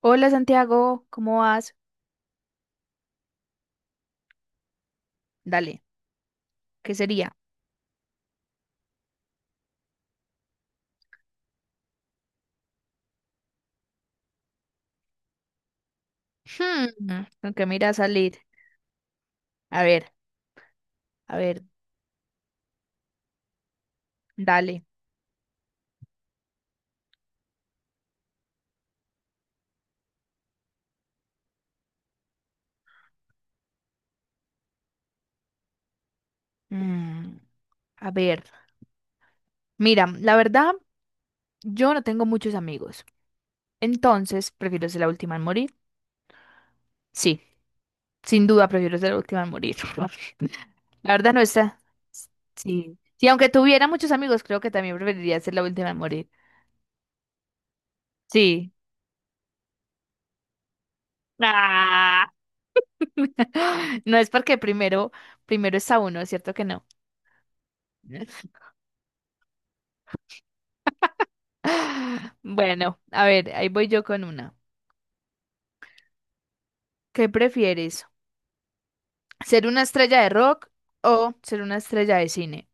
Hola Santiago, ¿cómo vas? Dale, ¿qué sería? Hmm, ¿con qué mira salir? A ver, a ver, dale. Mm, a ver, mira, la verdad, yo no tengo muchos amigos, entonces prefiero ser la última en morir. Sí, sin duda prefiero ser la última en morir. La verdad no está. Sí, sí, aunque tuviera muchos amigos, creo que también preferiría ser la última en morir. Sí. Ah. No es porque primero está uno, ¿cierto que no? Bueno, a ver, ahí voy yo con una. ¿Qué prefieres? ¿Ser una estrella de rock o ser una estrella de cine?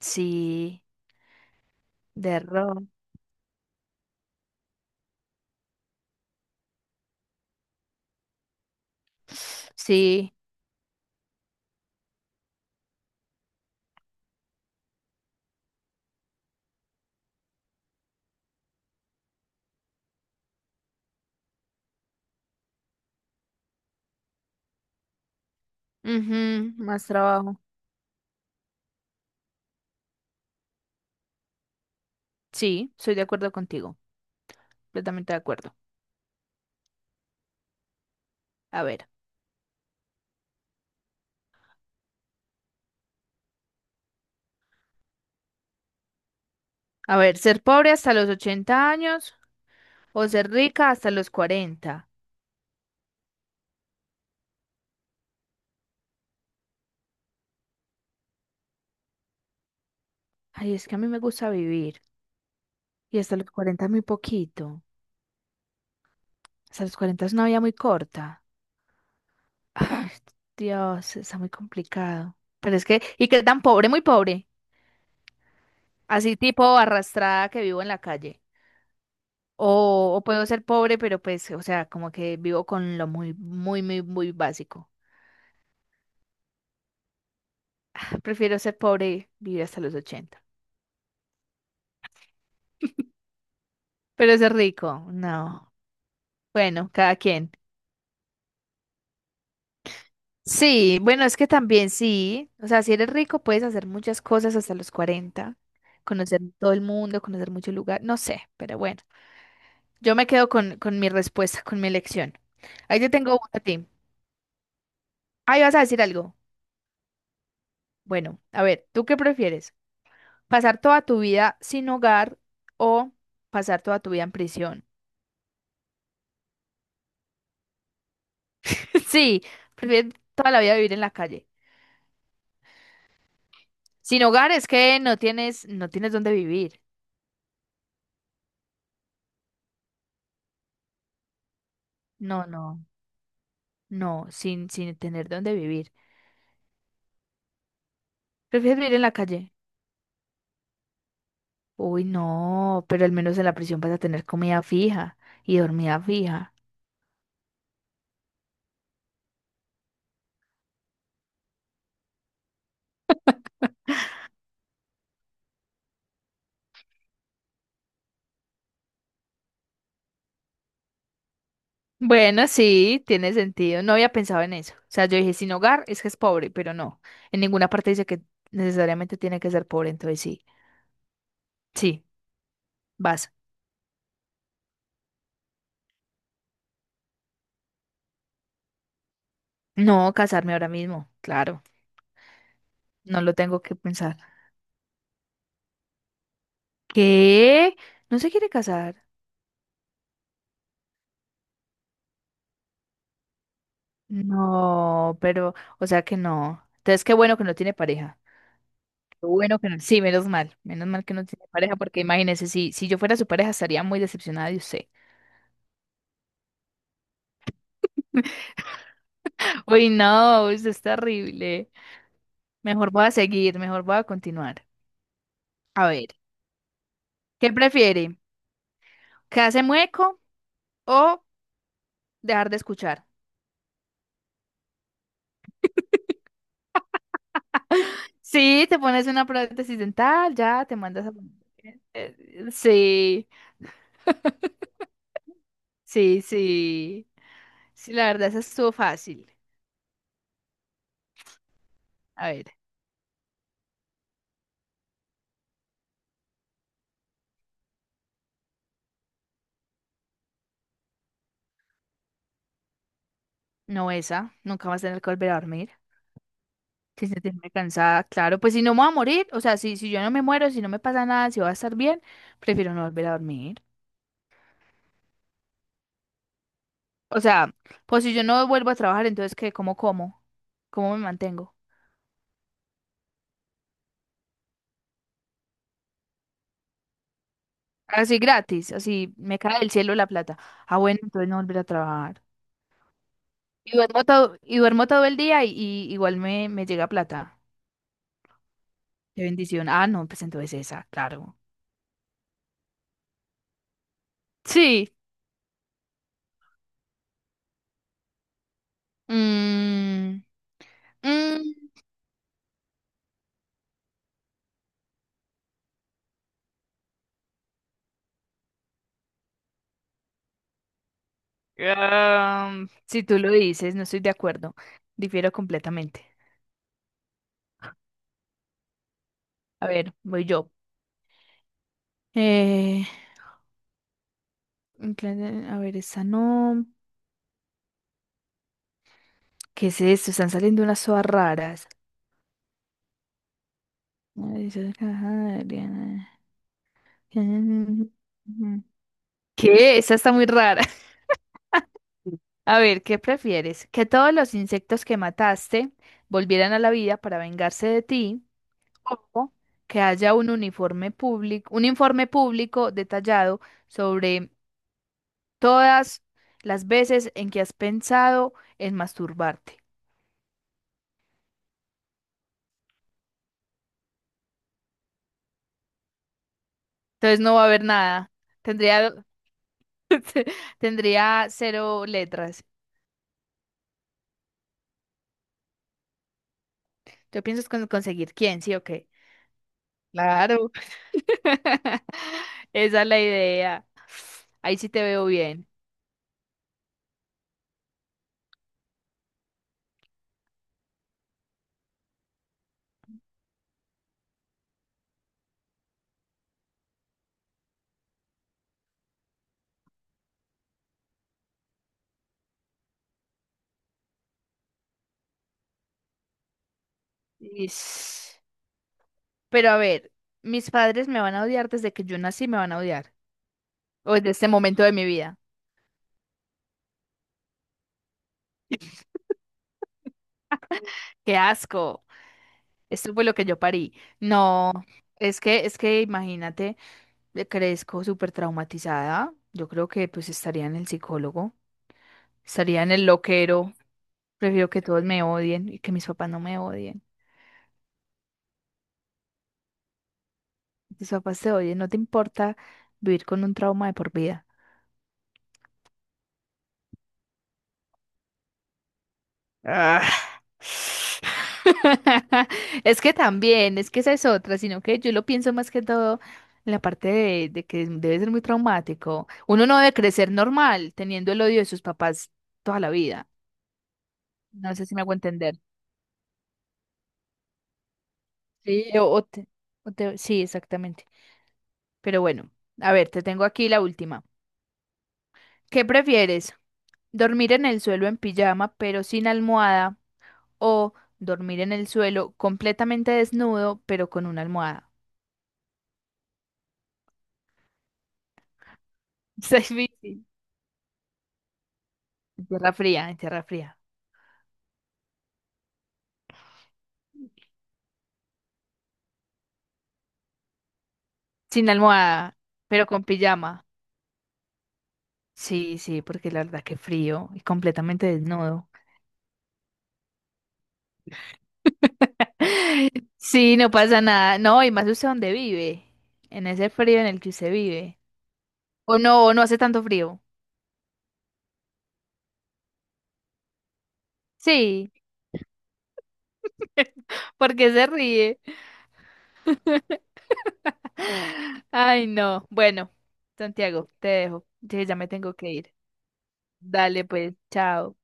Sí, de rock. Sí, ujú, más trabajo. Sí, soy de acuerdo contigo, completamente de acuerdo. A ver, a ver, ser pobre hasta los 80 años o ser rica hasta los 40. Ay, es que a mí me gusta vivir y hasta los 40 muy poquito. Hasta los 40 es una vida muy corta. Ay, Dios, está muy complicado. Pero es que, ¿y qué tan pobre? Muy pobre. Así tipo arrastrada que vivo en la calle. O puedo ser pobre, pero pues, o sea, como que vivo con lo muy, muy, muy, muy básico. Prefiero ser pobre y vivir hasta los 80. Pero ser rico, no. Bueno, cada quien. Sí, bueno, es que también sí. O sea, si eres rico, puedes hacer muchas cosas hasta los cuarenta, conocer todo el mundo, conocer muchos lugares, no sé, pero bueno. Yo me quedo con mi respuesta, con mi elección. Ahí te tengo una a ti. Ahí vas a decir algo. Bueno, a ver, ¿tú qué prefieres? ¿Pasar toda tu vida sin hogar o pasar toda tu vida en prisión? Sí, prefieres toda la vida vivir en la calle. Sin hogar es que no tienes dónde vivir. No, no, no, sin tener dónde vivir. ¿Prefieres vivir en la calle? Uy, no, pero al menos en la prisión vas a tener comida fija y dormida fija. Bueno, sí, tiene sentido. No había pensado en eso. O sea, yo dije, sin hogar es que es pobre, pero no. En ninguna parte dice que necesariamente tiene que ser pobre, entonces sí. Sí, vas. No, casarme ahora mismo, claro. No lo tengo que pensar. ¿Qué? ¿No se quiere casar? No, pero, o sea que no. Entonces, qué bueno que no tiene pareja. Qué bueno que no. Sí, menos mal. Menos mal que no tiene pareja, porque imagínese, si yo fuera su pareja, estaría muy decepcionada de usted. Uy, no, eso es terrible. Mejor voy a seguir, mejor voy a continuar. A ver, ¿qué prefiere? ¿Quedarse mueco o dejar de escuchar? Sí, te pones una prótesis dental, ya te mandas a... Sí, sí, sí. Sí, la verdad, esa estuvo fácil. A ver, no esa, nunca vas a tener que volver a dormir. Si se te cansada, claro, pues si no me voy a morir, o sea, si yo no me muero, si no me pasa nada, si voy a estar bien, prefiero no volver a dormir. O sea, pues si yo no vuelvo a trabajar, entonces, ¿qué? ¿Cómo como? ¿Cómo me mantengo? Así gratis, así me cae del cielo la plata. Ah, bueno, entonces no volver a trabajar. Y duermo todo el día y igual me llega plata. Qué bendición. Ah, no, pues entonces esa, claro. Sí. Mm, mm, si tú lo dices, no estoy de acuerdo. Difiero completamente. A ver, voy yo. Eh, a ver, esa no. ¿Qué es esto? Están saliendo unas sodas raras. Ay, esa caja, Adriana. ¿Qué? Esa está muy rara. A ver, ¿qué prefieres? ¿Que todos los insectos que mataste volvieran a la vida para vengarse de ti? ¿O que haya un informe público detallado sobre todas las veces en que has pensado en masturbarte? Entonces no va a haber nada. Tendría, tendría 0 letras. ¿Tú piensas conseguir quién? ¿Sí o qué? Claro. Esa es la idea. Ahí sí te veo bien. Ish. Pero a ver, mis padres me van a odiar desde que yo nací, me van a odiar. O desde este momento de mi vida. ¡Qué asco! Esto fue lo que yo parí. No, es que imagínate, crezco súper traumatizada. Yo creo que pues estaría en el psicólogo, estaría en el loquero. Prefiero que todos me odien y que mis papás no me odien. Tus papás te oyen, no te importa vivir con un trauma de por vida. Ah. Es que también, es que esa es otra, sino que yo lo pienso más que todo en la parte de que debe ser muy traumático. Uno no debe crecer normal teniendo el odio de sus papás toda la vida. No sé si me hago entender. Sí. Sí, exactamente. Pero bueno, a ver, te tengo aquí la última. ¿Qué prefieres? ¿Dormir en el suelo en pijama pero sin almohada o dormir en el suelo completamente desnudo, pero con una almohada? Está difícil. En tierra fría, en tierra fría. Sin almohada, pero con pijama. Sí, sí, porque la verdad que frío y completamente desnudo. Sí, no pasa nada. No, y más usted donde vive, en ese frío en el que usted vive. O no hace tanto frío. Sí, porque se ríe. Ay, no. Bueno, Santiago, te dejo. Sí, ya me tengo que ir. Dale, pues, chao.